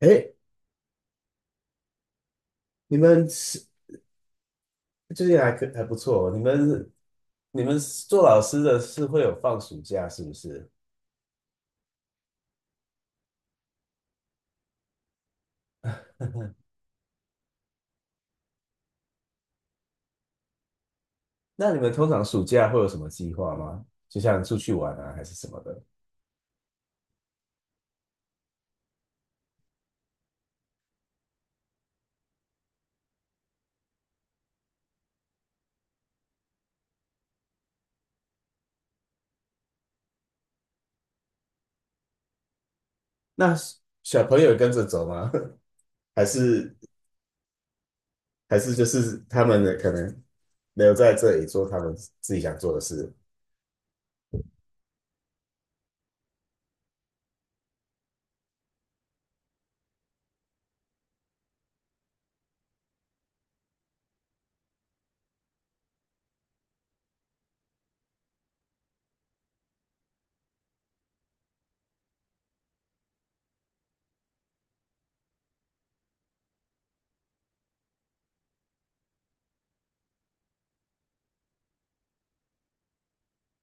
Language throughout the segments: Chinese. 哎，你们是最近还不错哦，你们做老师的是会有放暑假是不是？那你们通常暑假会有什么计划吗？就像出去玩啊，还是什么的？那小朋友也跟着走吗？还是还是就是他们的可能留在这里做他们自己想做的事？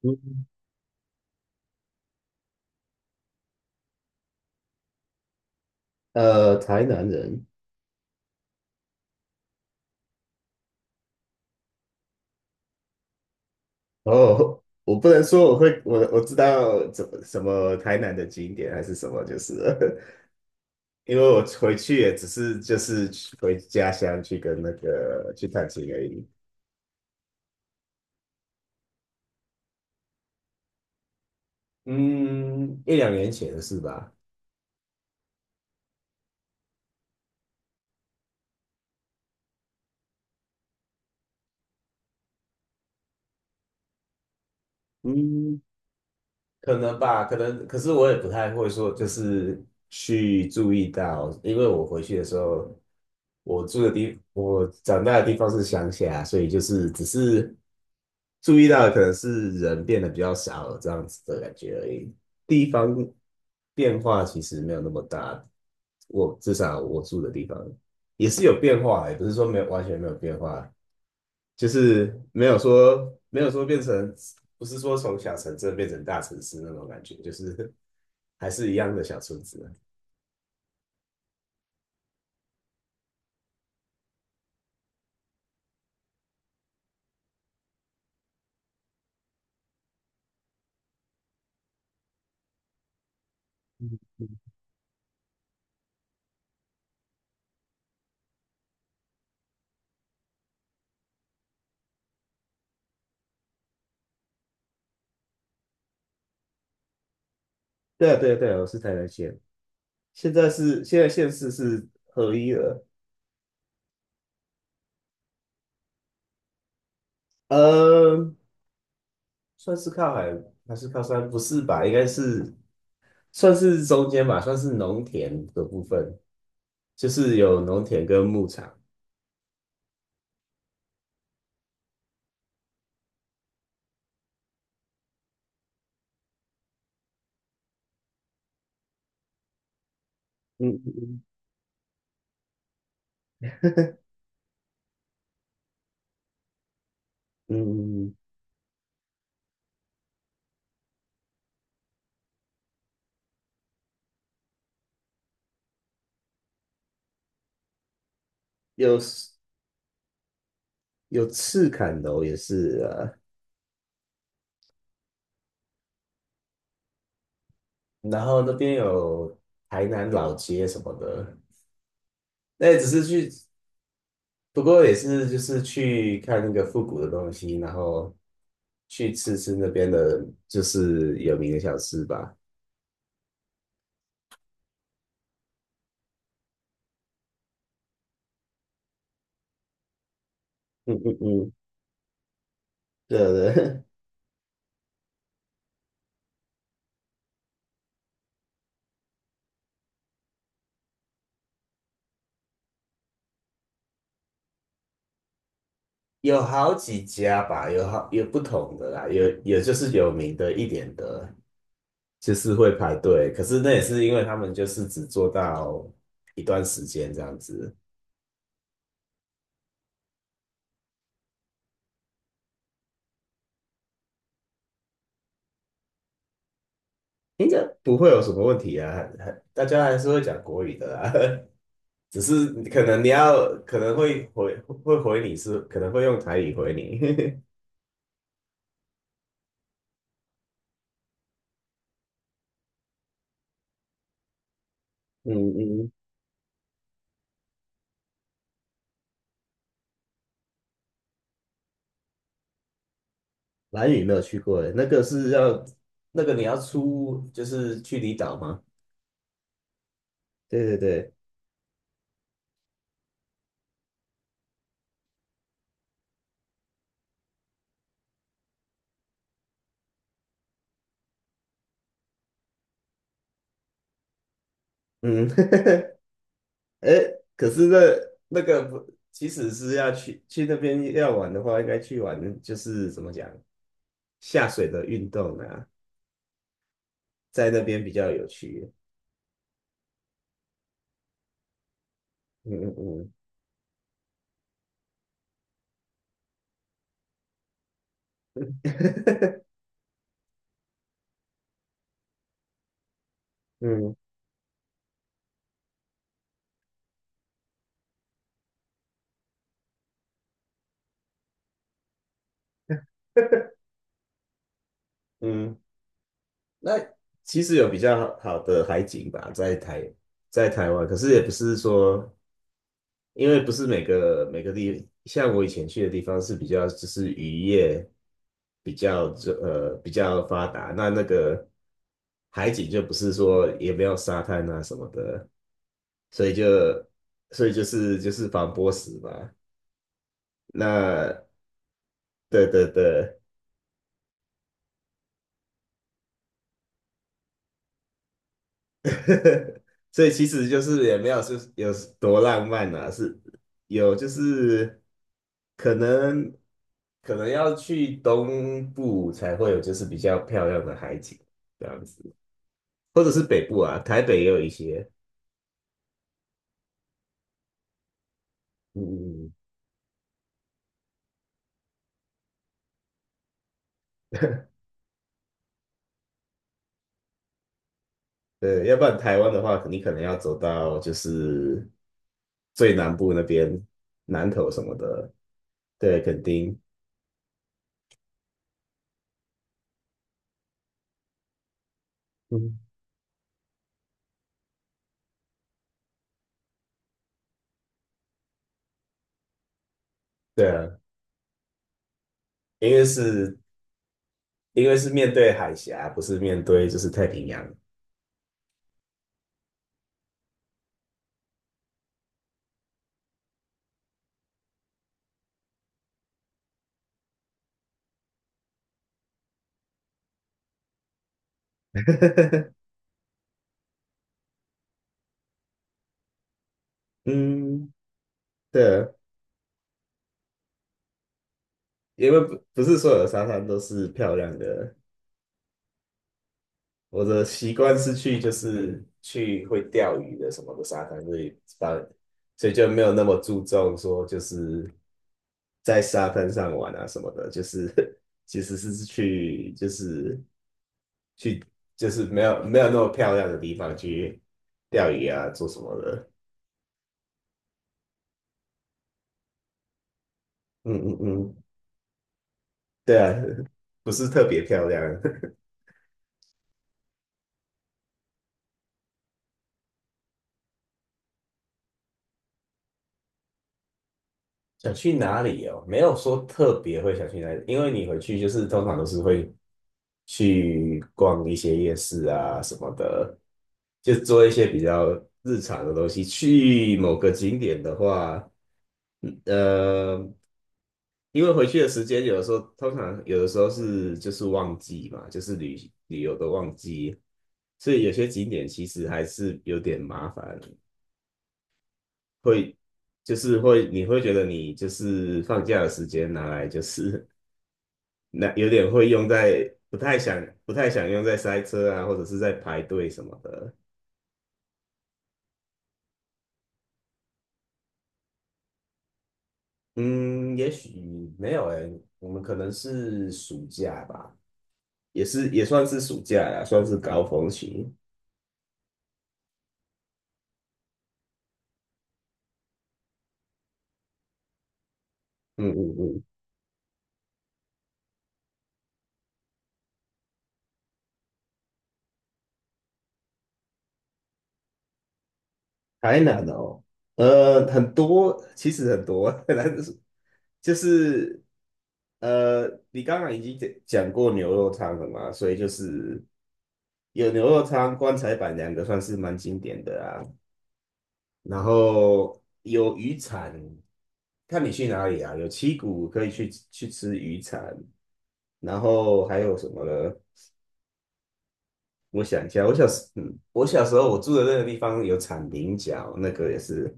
嗯，台南人。哦，我不能说我会，我知道怎么什么台南的景点还是什么，就是了因为我回去也只是就是去回家乡去跟那个去探亲而已。嗯，一两年前是吧。嗯，可能吧，可能，可是我也不太会说，就是去注意到，因为我回去的时候，我住的地，我长大的地方是乡下，所以就是只是注意到的可能是人变得比较少了这样子的感觉而已，地方变化其实没有那么大，至少我住的地方也是有变化，也不是说没有完全没有变化，就是没有说没有说变成，不是说从小城镇变成大城市那种感觉，就是还是一样的小村子。对啊，对啊，对啊，我是台南县。现在县市是合一了。嗯，算是靠海还是靠山？不是吧？应该是算是中间吧，算是农田的部分，就是有农田跟牧场。嗯嗯嗯，有有赤坎楼也是啊。然后那边有台南老街什么的。那也只是去，不过也是就是去看那个复古的东西，然后去吃吃那边的，就是有名的小吃吧。嗯嗯嗯，对对。有好几家吧，有好有不同的啦，有就是有名的一点的，就是会排队，可是那也是因为他们就是只做到一段时间这样子。应该不会有什么问题啊，还大家还是会讲国语的啦。只是可能你要可能会回你是可能会用台语回你。嗯嗯，蓝屿没有去过耶，那个是要那个你要出就是去离岛吗？对对对，嗯。哎，可是那那个不，其实是要去去那边要玩的话，应该去玩就是怎么讲下水的运动啊，在那边比较有趣。嗯嗯嗯 嗯嗯。那其实有比较好的海景吧，在台湾，可是也不是说，因为不是每个每个地，像我以前去的地方是比较就是渔业比较就比较发达，那那个海景就不是说也没有沙滩啊什么的，所以就所以就是就是防波石嘛。那对对对。所以其实就是也没有是有多浪漫啊，是有就是可能可能要去东部才会有就是比较漂亮的海景这样子，或者是北部啊，台北也有一些。嗯嗯嗯，对，要不然台湾的话，肯定可能要走到就是最南部那边，南头什么的。对，肯定。嗯。对啊，因为是因为是面对海峡，不是面对就是太平洋。嗯，对啊，因为不是所有的沙滩都是漂亮的。我的习惯是去就是去会钓鱼的什么的沙滩，所以所以就没有那么注重说就是在沙滩上玩啊什么的，就是 其实是去就是去就是没有没有那么漂亮的地方去钓鱼啊做什么的。嗯嗯嗯，对啊。不是特别漂亮。想去哪里哦？没有说特别会想去哪里，因为你回去就是通常都是会去逛一些夜市啊什么的，就做一些比较日常的东西。去某个景点的话，嗯呃，因为回去的时间有的时候，通常有的时候是就是旺季嘛，旅游的旺季，所以有些景点其实还是有点麻烦，会就是会你会觉得你就是放假的时间拿来就是那有点会用在不太想用在塞车啊，或者是在排队什么的。嗯，也许没有诶，我们可能是暑假吧。也是也算是暑假呀，算是高峰期。嗯嗯嗯，台南哦，很多，其实很多，但是就是你刚刚已经讲过牛肉汤了嘛，所以就是有牛肉汤、棺材板两个算是蛮经典的啊。然后有鱼产，看你去哪里啊，有七股可以去去吃鱼产。然后还有什么呢？我想一下，我小时，嗯，我小时候我住的那个地方有产菱角，那个也是，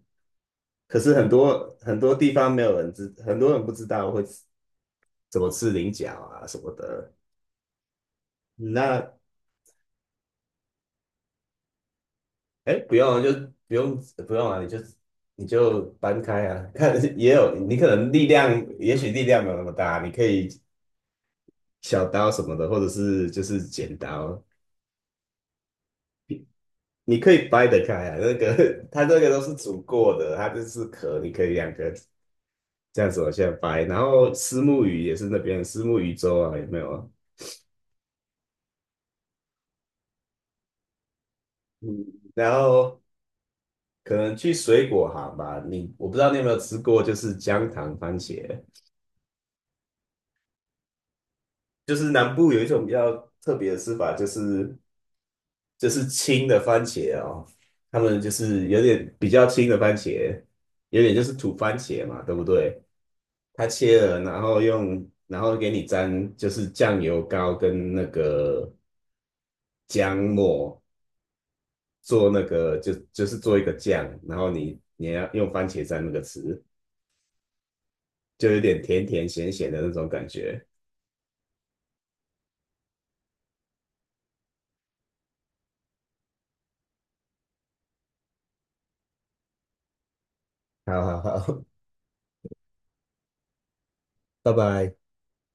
可是很多很多地方没有人知，很多人不知道会吃怎么吃菱角啊什么的。那哎，不用就不用不用了，你就你就搬开啊，看也有你可能力量，也许力量没有那么大，你可以。小刀什么的，或者是就是剪刀，你可以掰得开啊。那个它这个都是煮过的，它就是壳，你可以两个这样子往下掰。然后虱目鱼也是那边虱目鱼粥啊，有没有？嗯，然后可能去水果行吧，你我不知道你有没有吃过，就是姜糖番茄，就是南部有一种比较特别的吃法，就是青的番茄哦，他们就是有点比较青的番茄，有点就是土番茄嘛，对不对？它切了，然后用，然后给你沾，就是酱油膏跟那个姜末做那个，就是做一个酱，然后你要用番茄蘸那个吃，就有点甜甜咸咸的那种感觉。好好好。拜拜。